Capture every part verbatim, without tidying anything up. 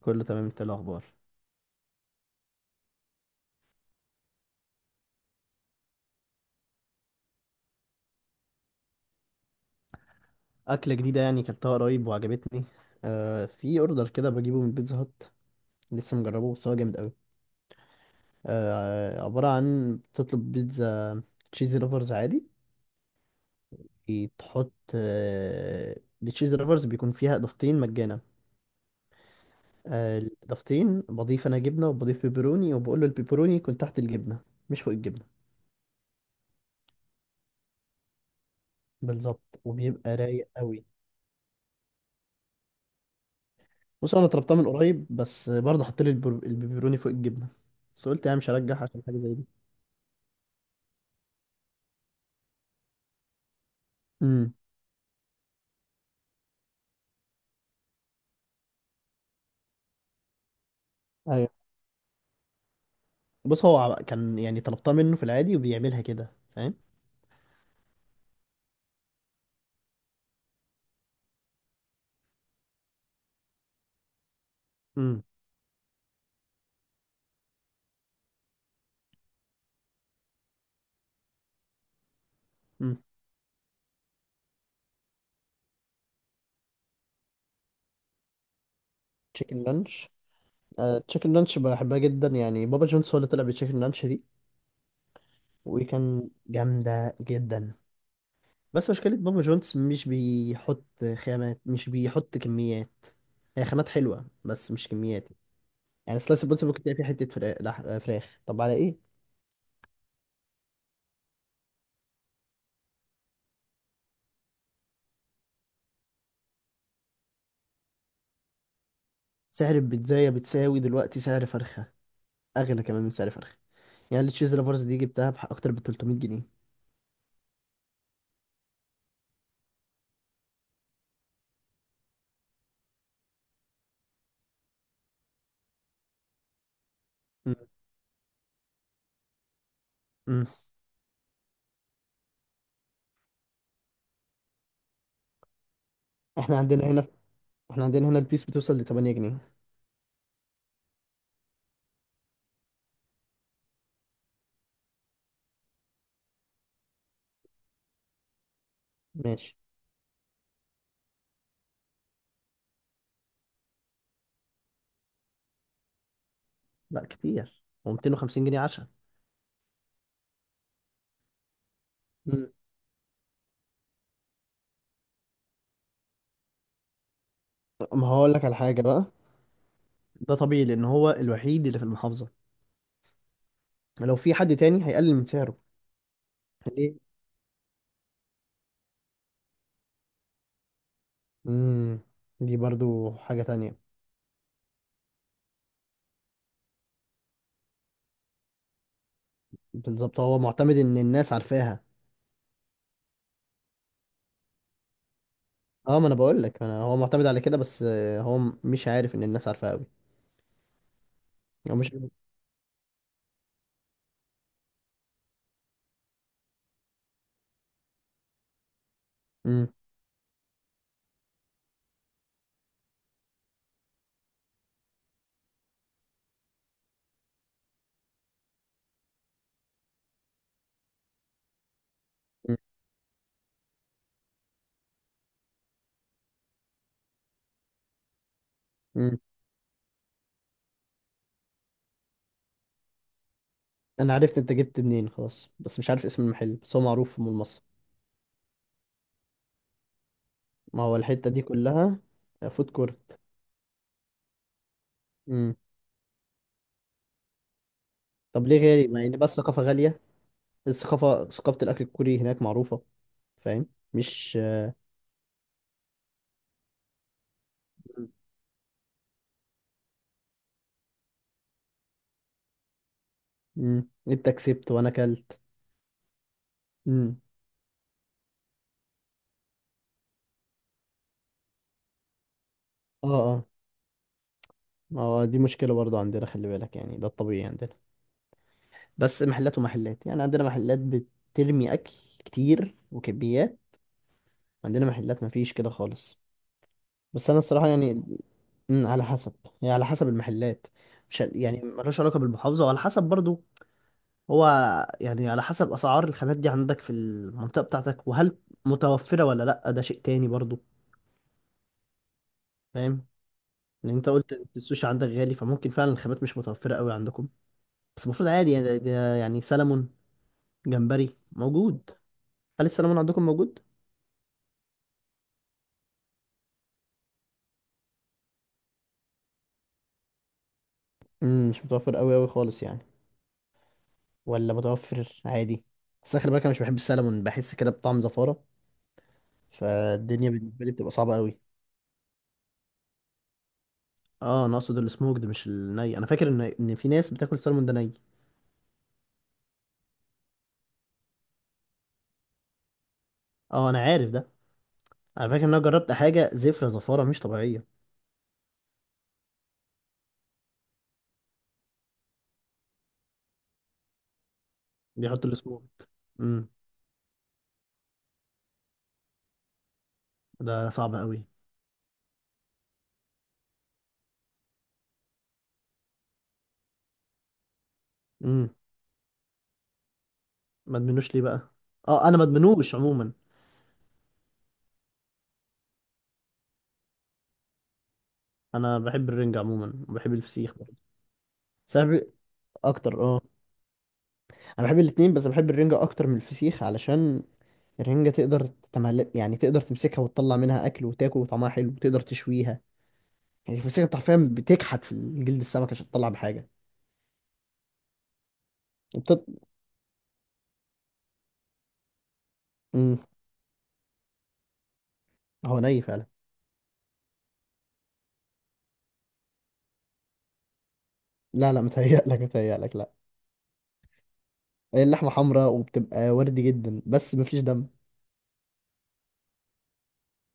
كله تمام، انت ايه الاخبار؟ اكله جديده، يعني كلتها قريب وعجبتني. آه في اوردر كده بجيبه من بيتزا هات. لسه مجربه، بس هو جامد قوي. آه عباره عن تطلب بيتزا تشيزي لوفرز عادي. تحط آه التشيزي لوفرز، بيكون فيها اضافتين مجانا. آه الاضافتين بضيف انا جبنه، وبضيف بيبروني، وبقول له البيبروني يكون تحت الجبنه، مش فوق الجبنه. بالظبط، وبيبقى رايق قوي. بص، انا طلبتها من قريب، بس برضه حط لي البر- البيبروني فوق الجبنه. بس قلت يعني مش هرجح عشان حاجه زي دي. امم، ايوه. بص، هو ع- كان يعني طلبتها منه في العادي وبيعملها كده، فاهم؟ امم، امم. تشيكن لانش. آه تشيكن لانش بحبها جدا، يعني بابا جونز هو اللي طلع بتشيكن لانش دي. وكان جامدة جدا. بس مشكلة بابا جونز مش بيحط خامات، مش بيحط كميات. هي خامات حلوة، بس مش كميات. يعني سلايس البيتزا ممكن تلاقي فيه حتة فرا- لح- فراخ، طب على ايه؟ سعر البيتزاية بتساوي دلوقتي سعر فرخة. أغلى كمان من سعر فرخة. يعني التشيز لافرز دي جبتها بح- أكتر ب تلتمية جنيه. مم. احنا عندنا هنا احنا عندنا هنا البيس بتوصل ل تمانية جنيه. ماشي. لا، كتير، هو ميتين وخمسين جنيه عشاء. مم. ما هقول لك على حاجة بقى. ده طبيعي، لأن هو الوحيد اللي في المحافظة. لو في حد تاني هيقلل من سعره. ليه؟ امم. دي برضو حاجة تانية. بالظبط، هو معتمد إن الناس عارفاها. اه، ما أنا بقول لك أنا هو معتمد على كده، بس آه، هو م- مش عارف إن الناس عارفاه أوي. هو مش. امم، امم. أنا عرفت أنت جبت منين خلاص، بس مش عارف اسم المحل، بس هو معروف في مول مصر. ما هو الحتة دي كلها فود كورت. امم. طب ليه غالي؟ ما يعني بقى الثقافة غالية. الثقافة ثقافة الأكل الكوري هناك معروفة. فاهم؟ مش. امم. انت كسبت وانا كلت. امم. اه، اه. ما هو دي مشكلة برضو عندنا، خلي بالك، يعني ده الطبيعي عندنا. بس محلات ومحلات يعني، عندنا محلات بترمي أكل كتير وكميات. عندنا محلات مفيش كده خالص. بس أنا الصراحة يعني. امم، على حسب. يعني على حسب المحلات. مش ه- يعني ملوش علاقة بالمحافظة، وعلى حسب برضو هو، يعني على حسب اسعار الخامات دي عندك في المنطقه بتاعتك، وهل متوفره ولا لا، ده شيء تاني برضو. فاهم؟ لان انت قلت إن السوشي عندك غالي، فممكن فعلا الخامات مش متوفره قوي عندكم. بس المفروض عادي، يعني ده ده يعني سلمون. جمبري موجود. هل السلمون عندكم موجود؟ امم، مش متوفر قوي قوي خالص يعني. ولا متوفر عادي؟ بس أنا خلي بالك انا مش بحب السلمون، بحس كده بطعم زفاره. فالدنيا بالنسبه لي بتبقى صعبه قوي. اه، انا اقصد السموك ده، مش الني، انا فاكر ان ان في ناس بتاكل سلمون ده ني. اه، انا عارف ده. على فكرة إن أنا جربت حاجة زفرة زفارة مش طبيعية. بيحطوا السموك. امم. ده صعب قوي. امم. ما ادمنوش ليه بقى؟ اه، انا ما ادمنوش عموما. انا بحب الرنجة عموما، وبحب الفسيخ برضه. سبب. اكتر، اه. انا بحب الاتنين، بس بحب الرنجة اكتر من الفسيخ علشان الرنجة تقدر تتمل... يعني تقدر تمسكها وتطلع منها أكل وتاكل، وطعمها حلو، وتقدر تشويها. يعني الفسيخ أنت حرفيا بتكحت في جلد السمك عشان تطلع بحاجة. وبتط... مم. هو ني فعلا. لا، لا، متهيألك، متهيألك، لا. اللحمه حمراء وبتبقى وردي جدا، بس مفيش دم.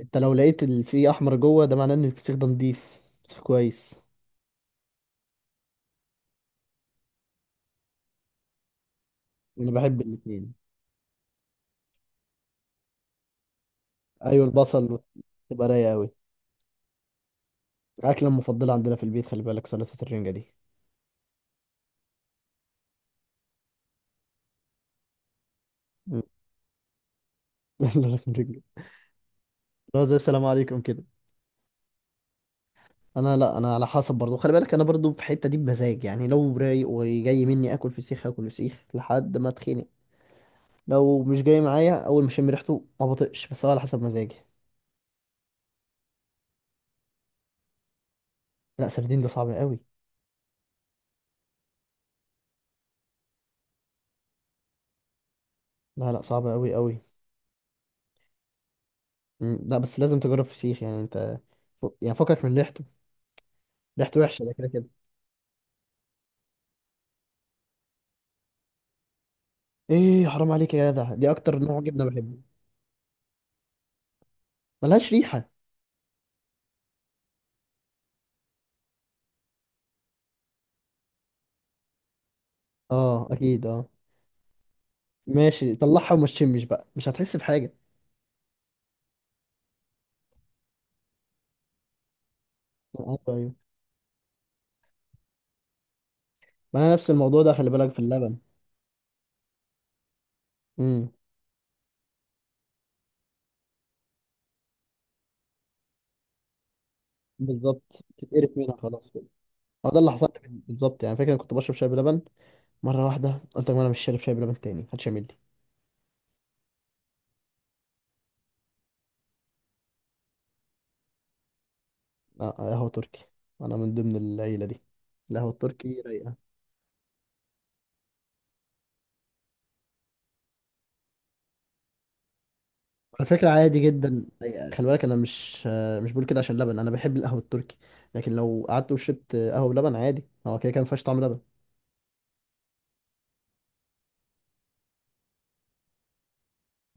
انت لو لقيت ال- في احمر جوه، ده معناه ان الفسيخ ده نضيف فسيخ كويس. انا بحب الاتنين. ايوه، البصل. تبقى رايقه قوي. الاكله المفضله عندنا في البيت خلي بالك، سلطه الرنجه دي. مم. سلطة الرنجة. لا، زي السلام عليكم كده. انا، لا، انا على حسب برضو، خلي بالك انا برضو في الحته دي بمزاج، يعني لو رايق وجاي مني اكل فسيخ اكل فسيخ لحد ما اتخنق. لو مش جاي معايا اول ما اشم ريحته ما بطقش، بس هو على حسب مزاجي. لا، سردين ده صعب قوي. لا، لا، صعب قوي قوي. مم، لا، بس لازم تجرب فسيخ يعني انت ف- يعني فكك من ريحته. ريحته وحشه ده كده كده. ايه؟ حرام عليك يا جدع، دي اكتر نوع جبنه بحبه. ملهاش ريحه. اه، اكيد، اه. ماشي، طلعها وما تشمش بقى، مش هتحس بحاجه. آه، ايوه، ايوه. ما انا نفس الموضوع ده خلي بالك في اللبن. امم. بالظبط، تتقرف منها خلاص كده. هو ده اللي حصل لي بالظبط، يعني فاكر انا كنت بشرب شاي بلبن. مره واحده قلت لك ما انا مش شارب شاي بلبن تاني، محدش يعمل لي. اه، آه، قهوه تركي. انا من ضمن العيله دي. القهوه التركي رايقه. على فكرة عادي جدا. خلي بالك انا مش مش بقول كده عشان لبن، انا بحب القهوة التركي. لكن لو قعدت وشربت قهوة بلبن عادي، هو كده كان مفيهاش طعم لبن.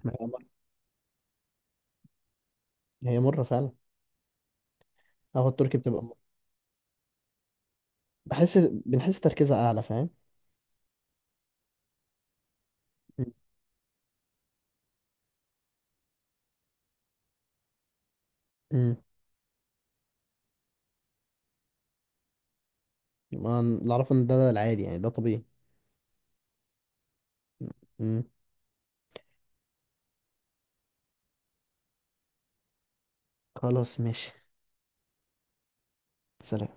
ما هي مرة. هي مرة فعلا. القهوة التركي بتبقى مرة. بحس بنحس تركيزها اعلى، فاهم؟ امم. اللي اعرفه ان ده العادي، يعني ده طبيعي. امم. خلاص ماشي. سلام.